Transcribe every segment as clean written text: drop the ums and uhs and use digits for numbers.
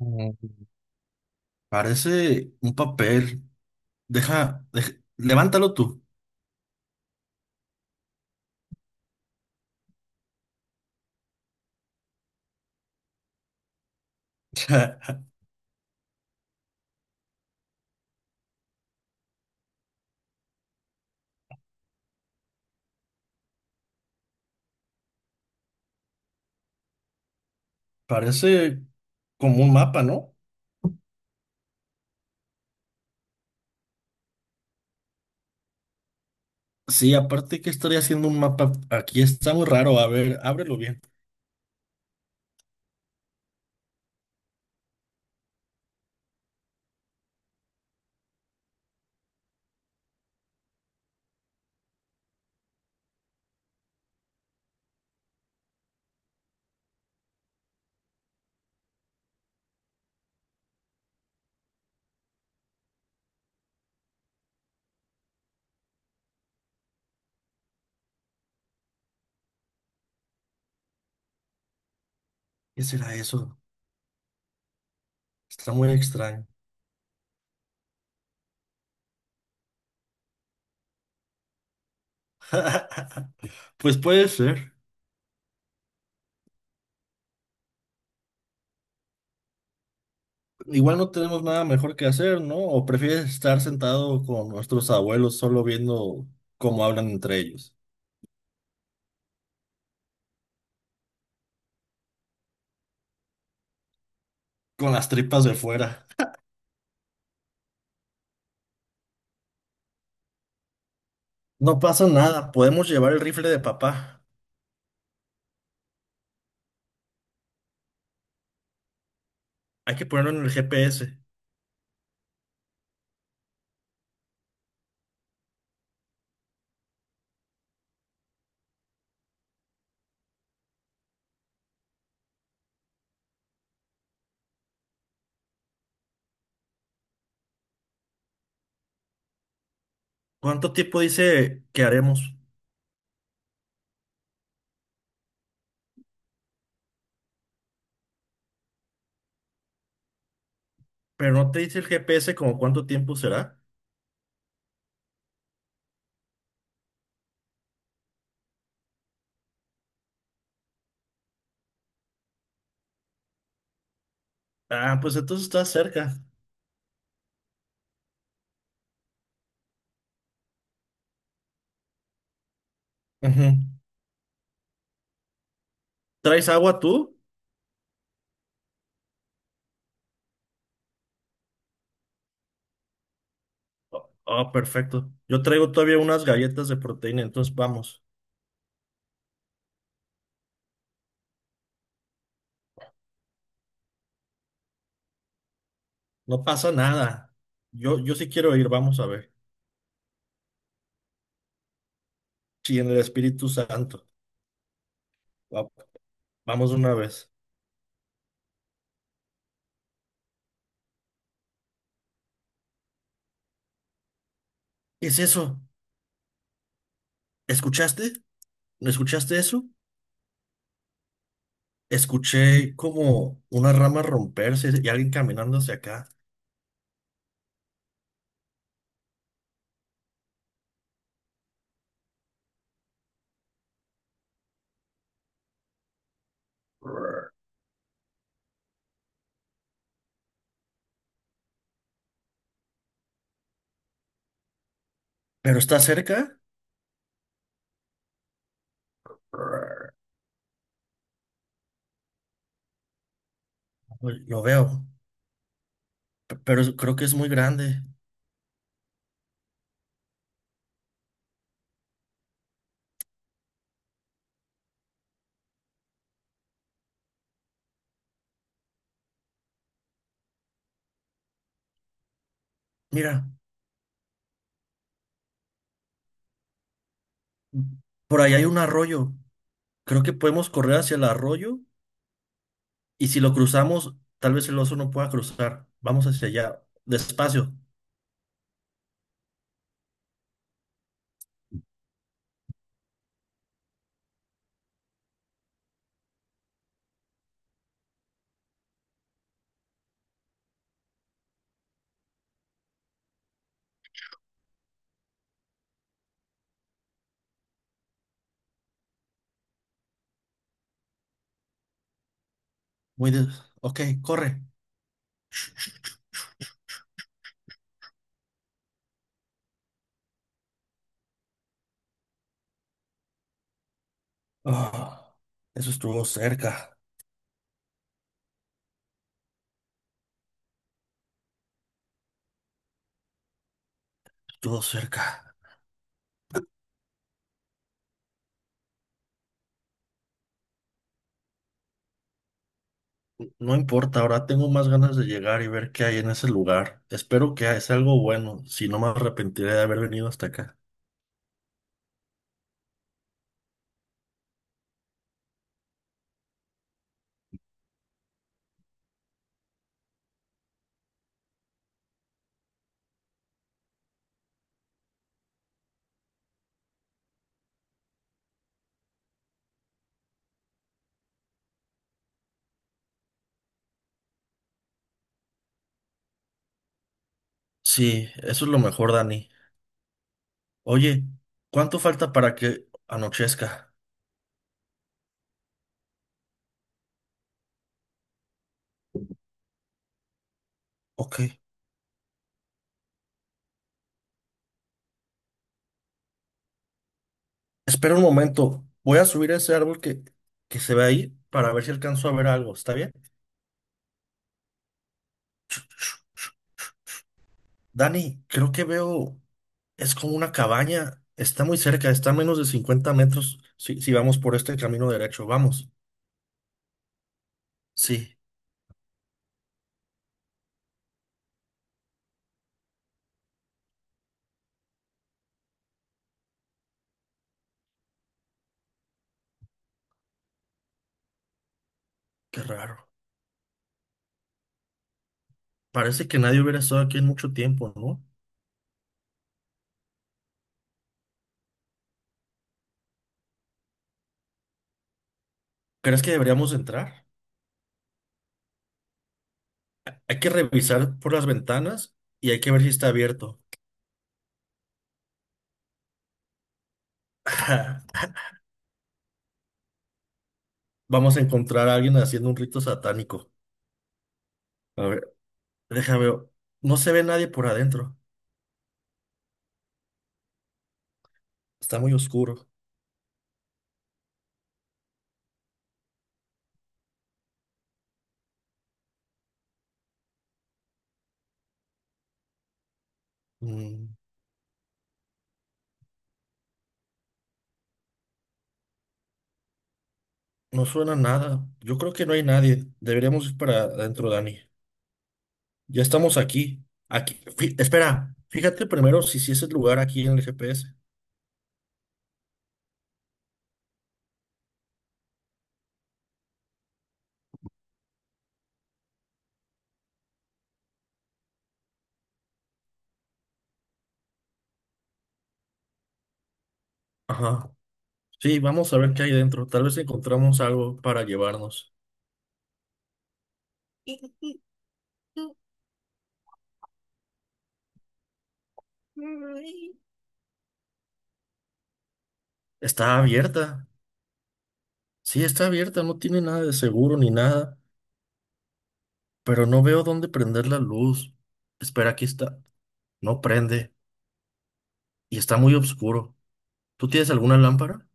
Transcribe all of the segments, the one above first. Mm, Parece un papel. Deja, levántalo tú. O sea, parece como un mapa, ¿no? Sí, aparte que estaría haciendo un mapa. Aquí está muy raro. A ver, ábrelo bien. ¿Qué será eso? Está muy extraño. Pues puede ser. Igual no tenemos nada mejor que hacer, ¿no? ¿O prefieres estar sentado con nuestros abuelos solo viendo cómo hablan entre ellos? Con las tripas de fuera. No pasa nada. Podemos llevar el rifle de papá. Hay que ponerlo en el GPS. ¿Cuánto tiempo dice que haremos? Pero no te dice el GPS como cuánto tiempo será. Ah, pues entonces estás cerca. Ujú. ¿Traes agua tú? Oh, oh, perfecto. Yo traigo todavía unas galletas de proteína, entonces vamos. No pasa nada. Yo sí quiero ir, vamos a ver. Sí, en el Espíritu Santo. Va- Vamos de una vez. ¿Qué es eso? ¿Escuchaste? ¿No escuchaste eso? Escuché como una rama romperse y alguien caminando hacia acá. ¿Pero está cerca? Uy, lo veo, pero creo que es muy grande. Mira, por ahí hay un arroyo. Creo que podemos correr hacia el arroyo y si lo cruzamos, tal vez el oso no pueda cruzar. Vamos hacia allá, despacio. Muy de... Ok, corre. Ah, eso estuvo cerca, estuvo cerca. No importa, ahora tengo más ganas de llegar y ver qué hay en ese lugar. Espero que sea algo bueno, si no me arrepentiré de haber venido hasta acá. Sí, eso es lo mejor, Dani. Oye, ¿cuánto falta para que anochezca? Ok. Espera un momento. Voy a subir ese árbol que se ve ahí para ver si alcanzo a ver algo. ¿Está bien? Dani, creo que veo... Es como una cabaña. Está muy cerca. Está a menos de 50 metros si vamos por este camino derecho. Vamos. Sí, qué raro. Parece que nadie hubiera estado aquí en mucho tiempo, ¿no? ¿Crees que deberíamos entrar? Hay que revisar por las ventanas y hay que ver si está abierto. Vamos a encontrar a alguien haciendo un rito satánico. A ver, déjame ver. No se ve nadie por adentro. Está muy oscuro. Mm, no suena nada. Yo creo que no hay nadie. Deberíamos ir para adentro, Dani. Ya estamos aquí. Aquí. Espera. Fíjate primero si es el lugar aquí en el GPS. Ajá. Sí, vamos a ver qué hay dentro. Tal vez encontramos algo para llevarnos. Está abierta. Sí, está abierta. No tiene nada de seguro ni nada. Pero no veo dónde prender la luz. Espera, aquí está. No prende. Y está muy oscuro. ¿Tú tienes alguna lámpara?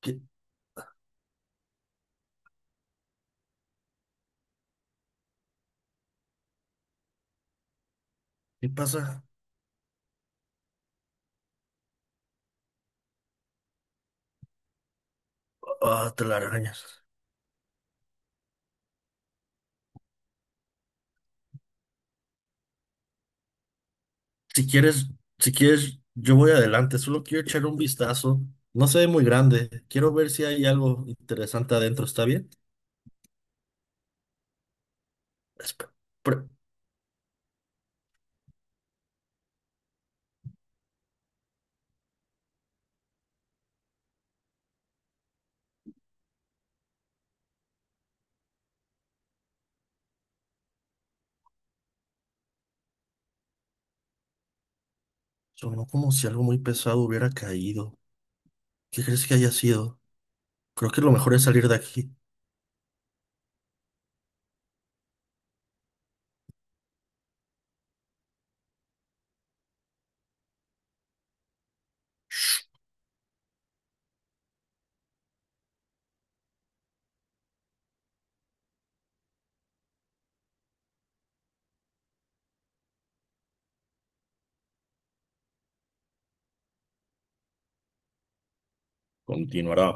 ¿Qué, qué pasa? Ah, te la arañas. Si quieres, si quieres, yo voy adelante. Solo quiero echar un vistazo. No se ve muy grande. Quiero ver si hay algo interesante adentro. ¿Está bien? Espe- pre- Sonó como si algo muy pesado hubiera caído. ¿Qué crees que haya sido? Creo que lo mejor es salir de aquí. Continuará.